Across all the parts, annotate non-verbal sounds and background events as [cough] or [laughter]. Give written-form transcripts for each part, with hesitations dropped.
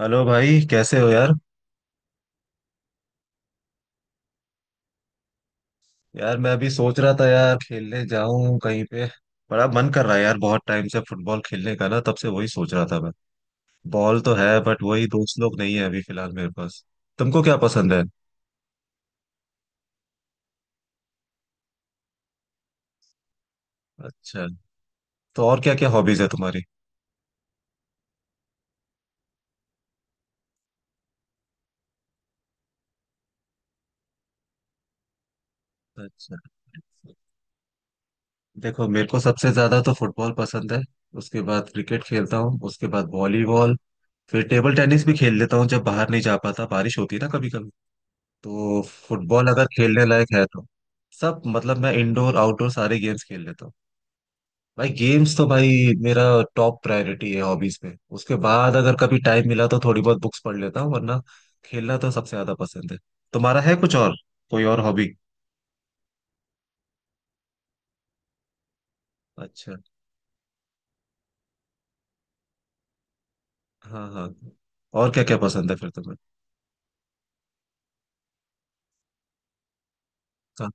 Hello भाई, कैसे हो यार। यार मैं अभी सोच रहा था, यार खेलने जाऊं कहीं पे। बड़ा मन कर रहा है यार, बहुत टाइम से फुटबॉल खेलने का ना, तब से वही सोच रहा था मैं। बॉल तो है बट वही दोस्त लोग नहीं है अभी फिलहाल मेरे पास। तुमको क्या पसंद है? अच्छा। तो और क्या क्या हॉबीज है तुम्हारी? अच्छा, देखो मेरे को सबसे ज्यादा तो फुटबॉल पसंद है। उसके बाद क्रिकेट खेलता हूँ, उसके बाद वॉलीबॉल, फिर टेबल टेनिस भी खेल लेता हूँ जब बाहर नहीं जा पाता, बारिश होती है ना कभी कभी। तो फुटबॉल अगर खेलने लायक है तो सब मतलब, मैं इंडोर आउटडोर सारे गेम्स खेल लेता हूँ। भाई गेम्स तो भाई मेरा टॉप प्रायोरिटी है हॉबीज में। उसके बाद अगर कभी टाइम मिला तो थोड़ी बहुत बुक्स पढ़ लेता हूँ, वरना खेलना तो सबसे ज्यादा पसंद है। तुम्हारा है कुछ और, कोई और हॉबी? अच्छा। हाँ हाँ, और क्या क्या पसंद है फिर तुम्हें? हाँ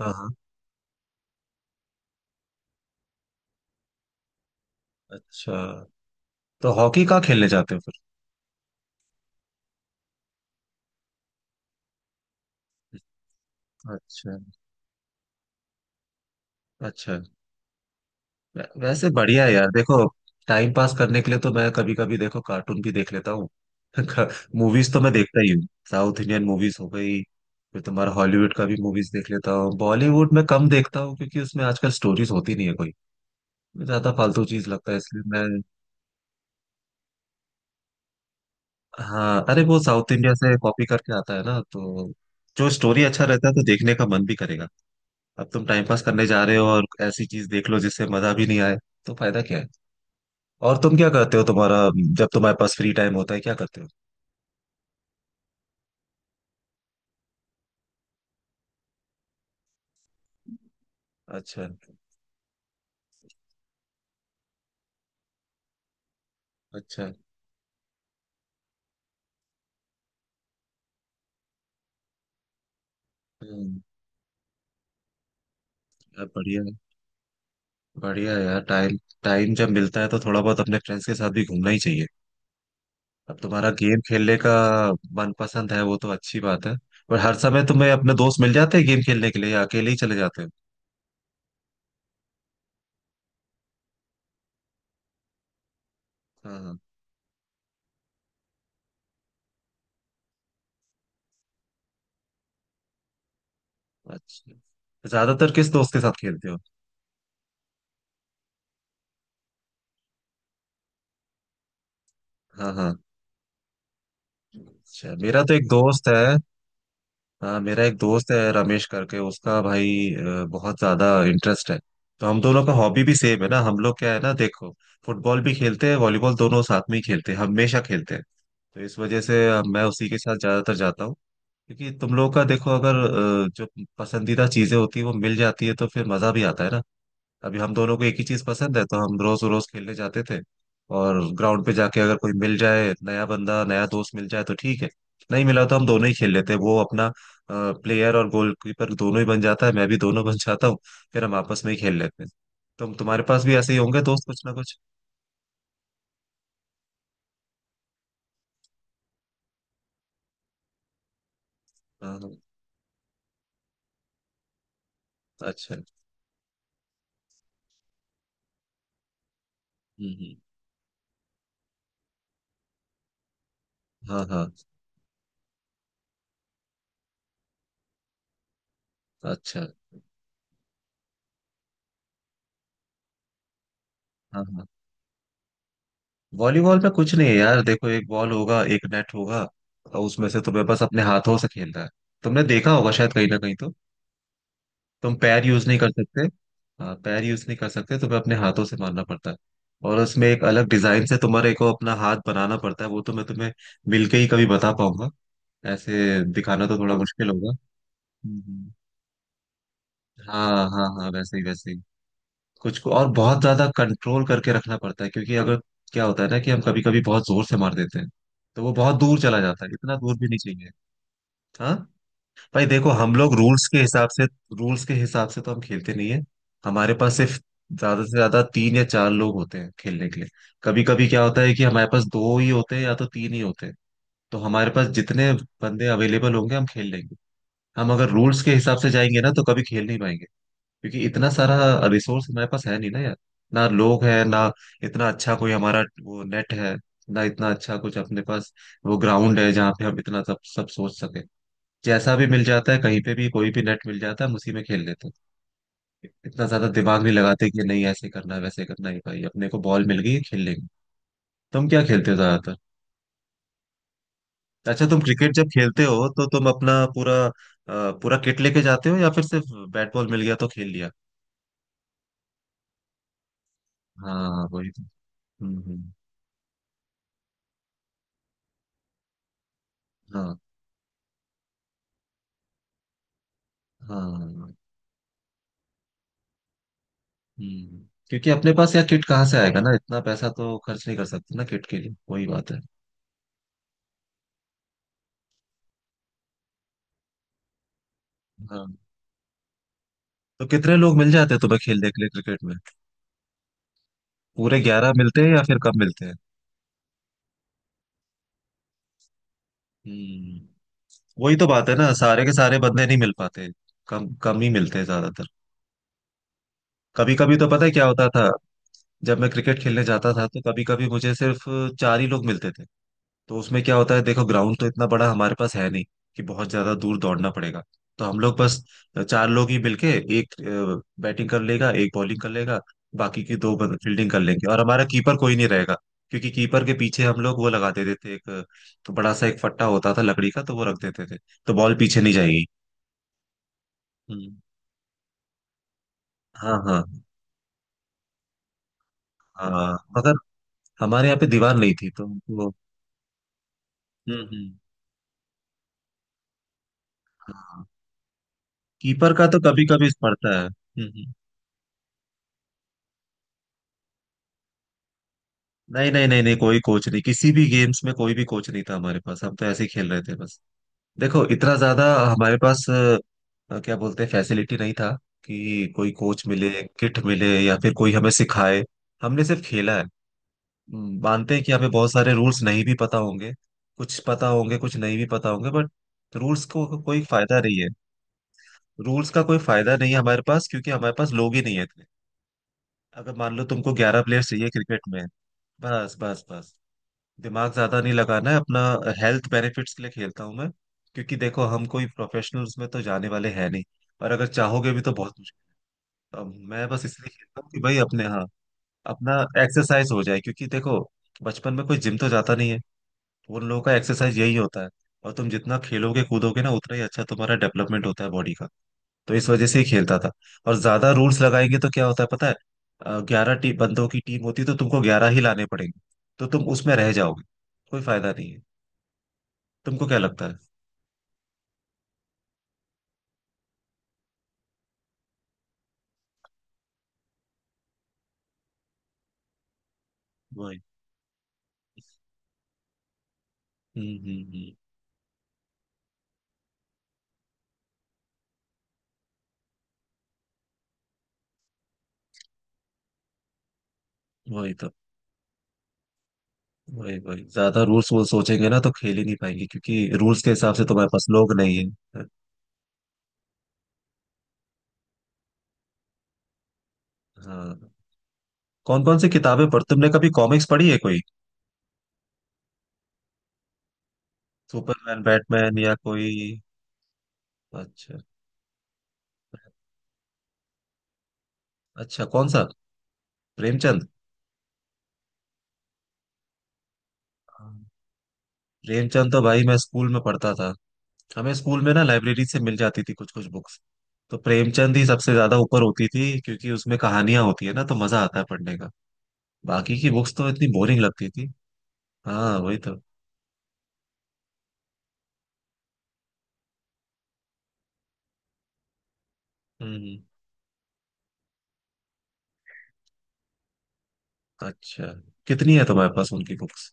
हाँ हाँ, अच्छा। तो हॉकी कहाँ खेलने जाते हो फिर? अच्छा, अच्छा। वैसे बढ़िया है यार। देखो टाइम पास करने के लिए तो मैं कभी कभी देखो कार्टून भी देख लेता हूँ। [laughs] मूवीज तो मैं देखता ही हूँ, साउथ इंडियन मूवीज हो गई, फिर तुम्हारा हॉलीवुड का भी मूवीज देख लेता हूँ। बॉलीवुड में कम देखता हूँ क्योंकि उसमें आजकल स्टोरीज होती नहीं है कोई, ज्यादा फालतू चीज लगता है इसलिए मैं। हाँ अरे वो साउथ इंडिया से कॉपी करके आता है ना, तो जो स्टोरी अच्छा रहता है तो देखने का मन भी करेगा। अब तुम टाइम पास करने जा रहे हो और ऐसी चीज देख लो जिससे मजा भी नहीं आए, तो फायदा क्या है। और तुम क्या करते हो, तुम्हारा जब तुम्हारे पास फ्री टाइम होता है क्या करते हो? अच्छा, अच्छा। हम्म। अब बढ़िया है, बढ़िया है यार। टाइम, टाइम जब मिलता है तो थोड़ा बहुत अपने फ्रेंड्स के साथ भी घूमना ही चाहिए। अब तुम्हारा गेम खेलने का मन पसंद है वो तो अच्छी बात है। पर हर समय तुम्हें अपने दोस्त मिल जाते हैं गेम खेलने के लिए, या अकेले ही चले जाते हो? हाँ हाँ। अच्छा, ज्यादातर किस दोस्त के साथ खेलते हो? हाँ हाँ। अच्छा, मेरा तो एक दोस्त है। हाँ मेरा एक दोस्त है रमेश करके, उसका भाई बहुत ज्यादा इंटरेस्ट है। तो हम दोनों का हॉबी भी सेम है ना। हम लोग क्या है ना, देखो फुटबॉल भी खेलते हैं, वॉलीबॉल दोनों साथ में ही खेलते हैं, हमेशा खेलते हैं। तो इस वजह से मैं उसी के साथ ज्यादातर जाता हूँ। क्योंकि तुम लोगों का देखो, अगर जो पसंदीदा चीजें होती है वो मिल जाती है तो फिर मजा भी आता है ना। अभी हम दोनों को एक ही चीज पसंद है तो हम रोज रोज खेलने जाते थे। और ग्राउंड पे जाके अगर कोई मिल जाए, नया बंदा नया दोस्त मिल जाए तो ठीक है, नहीं मिला तो हम दोनों ही खेल लेते हैं। वो अपना प्लेयर और गोलकीपर दोनों ही बन जाता है, मैं भी दोनों बन जाता हूँ। फिर हम आपस में ही खेल लेते हैं। तुम्हारे पास भी ऐसे ही होंगे दोस्त कुछ ना कुछ। हाँ हाँ, अच्छा। हम्म हम्म, हाँ हाँ। अच्छा। हाँ हाँ, वॉलीबॉल में कुछ नहीं है यार। देखो एक बॉल होगा, एक नेट होगा, और उसमें से तुम्हें बस अपने हाथों से खेलना है। तुमने देखा होगा शायद कहीं ना कहीं तो। तुम पैर यूज नहीं कर सकते। हाँ पैर यूज नहीं कर सकते, तुम्हें अपने हाथों से मारना पड़ता है। और उसमें एक अलग डिजाइन से तुम्हारे को अपना हाथ बनाना पड़ता है, वो तो मैं तुम्हें मिलके ही कभी बता पाऊंगा। ऐसे दिखाना तो थोड़ा मुश्किल होगा। हम्म। हाँ हाँ हाँ, वैसे ही वैसे ही। कुछ को और बहुत ज्यादा कंट्रोल करके रखना पड़ता है, क्योंकि अगर क्या होता है ना, कि हम कभी कभी बहुत जोर से मार देते हैं तो वो बहुत दूर चला जाता है। इतना दूर भी नहीं चाहिए। हाँ। भाई देखो, हम लोग रूल्स के हिसाब से, रूल्स के हिसाब से तो हम खेलते नहीं है। हमारे पास सिर्फ ज्यादा से ज्यादा तीन या चार लोग होते हैं खेलने के लिए। कभी कभी क्या होता है कि हमारे पास दो ही होते हैं या तो तीन ही होते हैं। तो हमारे पास जितने बंदे अवेलेबल होंगे हम खेल लेंगे। हम अगर रूल्स के हिसाब से जाएंगे ना तो कभी खेल नहीं पाएंगे। क्योंकि इतना सारा रिसोर्स हमारे पास है नहीं ना यार। ना लोग है ना, इतना अच्छा कोई हमारा वो नेट है, ना इतना अच्छा कुछ अपने पास वो ग्राउंड है जहाँ पे हम इतना सब सब सोच सके। जैसा भी मिल जाता है, कहीं पे भी कोई भी नेट मिल जाता है, हम उसी में खेल लेते हैं। इतना ज्यादा दिमाग नहीं लगाते कि नहीं ऐसे करना है वैसे करना है। भाई अपने को बॉल मिल गई खेल लेंगे। तुम क्या खेलते हो ज्यादातर? अच्छा, तुम क्रिकेट जब खेलते हो तो तुम अपना पूरा पूरा किट लेके जाते हो, या फिर सिर्फ बैट बॉल मिल गया तो खेल लिया? हाँ वही तो। हम्म हम्म, हाँ हाँ। हम्म, क्योंकि अपने पास यार किट कहाँ से आएगा ना, इतना पैसा तो खर्च नहीं कर सकते ना किट के लिए, वही बात है। हाँ, तो कितने लोग मिल जाते हैं तुम्हें खेलने के लिए क्रिकेट में? पूरे ग्यारह मिलते हैं या फिर कम मिलते हैं? हम्म, वही तो बात है ना, सारे के सारे बंदे नहीं मिल पाते, कम कम ही मिलते हैं ज्यादातर। कभी कभी तो पता है क्या होता था, जब मैं क्रिकेट खेलने जाता था तो कभी कभी मुझे सिर्फ चार ही लोग मिलते थे। तो उसमें क्या होता है, देखो ग्राउंड तो इतना बड़ा हमारे पास है नहीं कि बहुत ज्यादा दूर दौड़ना पड़ेगा। तो हम लोग बस चार लोग ही मिलके, एक बैटिंग कर लेगा, एक बॉलिंग कर लेगा, बाकी की दो फील्डिंग कर लेंगे और हमारा कीपर कोई नहीं रहेगा। क्योंकि कीपर के पीछे हम लोग वो लगा देते थे एक तो बड़ा सा एक फट्टा होता था लकड़ी का, तो वो रख देते थे तो बॉल पीछे नहीं जाएगी। हम्म, हाँ हाँ। हाँ मगर हमारे यहाँ पे दीवार नहीं थी तो हमको। हम्म। हाँ कीपर का तो कभी कभी पड़ता है। हम्म। नहीं नहीं नहीं नहीं, कोई कोच नहीं, किसी भी गेम्स में कोई भी कोच नहीं था हमारे पास। हम तो ऐसे ही खेल रहे थे बस। देखो इतना ज्यादा हमारे पास क्या बोलते हैं फैसिलिटी नहीं था कि कोई कोच मिले, किट मिले, या फिर कोई हमें सिखाए। हमने सिर्फ खेला है। मानते हैं कि हमें बहुत सारे रूल्स नहीं भी पता होंगे, कुछ पता होंगे कुछ नहीं भी पता होंगे, बट कोई फायदा नहीं है। रूल्स का कोई फायदा नहीं है हमारे पास, क्योंकि हमारे पास लोग ही नहीं है इतने। अगर मान लो तुमको ग्यारह प्लेयर चाहिए क्रिकेट में। बस बस बस, दिमाग ज्यादा नहीं लगाना है अपना, हेल्थ बेनिफिट्स के लिए खेलता हूं मैं। क्योंकि देखो हम कोई प्रोफेशनल्स में तो जाने वाले हैं नहीं, और अगर चाहोगे भी तो बहुत मुश्किल। अब मैं बस इसलिए खेलता हूँ कि भाई अपने, हाँ अपना एक्सरसाइज हो जाए। क्योंकि देखो बचपन में कोई जिम तो जाता नहीं है, उन लोगों का एक्सरसाइज यही होता है। और तुम जितना खेलोगे कूदोगे ना, उतना ही अच्छा तुम्हारा डेवलपमेंट होता है बॉडी का। तो इस वजह से ही खेलता था। और ज्यादा रूल्स लगाएंगे तो क्या होता है पता है, ग्यारह टी बंदों की टीम होती है तो तुमको ग्यारह ही लाने पड़ेंगे, तो तुम उसमें रह जाओगे। कोई फायदा नहीं है। तुमको क्या लगता है? वही। हम्म हम्म हम्म, वही तो। वही वही, ज्यादा रूल्स वो सोचेंगे ना तो खेल ही नहीं पाएंगे क्योंकि रूल्स के हिसाब से तुम्हारे पास लोग नहीं है। हाँ। कौन कौन सी किताबें पढ़, तुमने कभी कॉमिक्स पढ़ी है कोई, सुपरमैन बैटमैन या कोई? अच्छा। अच्छा, कौन सा? प्रेमचंद? हाँ। प्रेमचंद तो भाई मैं स्कूल में पढ़ता था। हमें स्कूल में ना लाइब्रेरी से मिल जाती थी कुछ कुछ बुक्स, तो प्रेमचंद ही सबसे ज्यादा ऊपर होती थी क्योंकि उसमें कहानियां होती है ना तो मजा आता है पढ़ने का। बाकी की बुक्स तो इतनी बोरिंग लगती थी। हाँ वही तो। हम्म। अच्छा, कितनी है तुम्हारे पास उनकी बुक्स?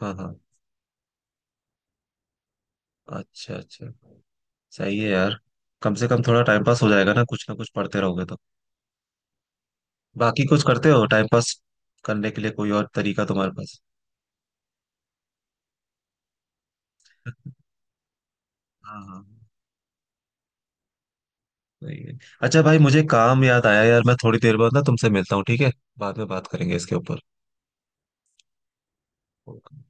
हाँ हाँ। अच्छा अच्छा, सही है यार। कम से कम थोड़ा टाइम पास हो जाएगा ना, कुछ ना कुछ पढ़ते रहोगे तो। बाकी कुछ करते हो टाइम पास करने के लिए, कोई और तरीका तुम्हारे पास? [laughs] हाँ हाँ। सही है। अच्छा भाई मुझे काम याद आया यार, मैं थोड़ी देर बाद ना तुमसे मिलता हूँ, ठीक है? बाद में बात करेंगे इसके ऊपर।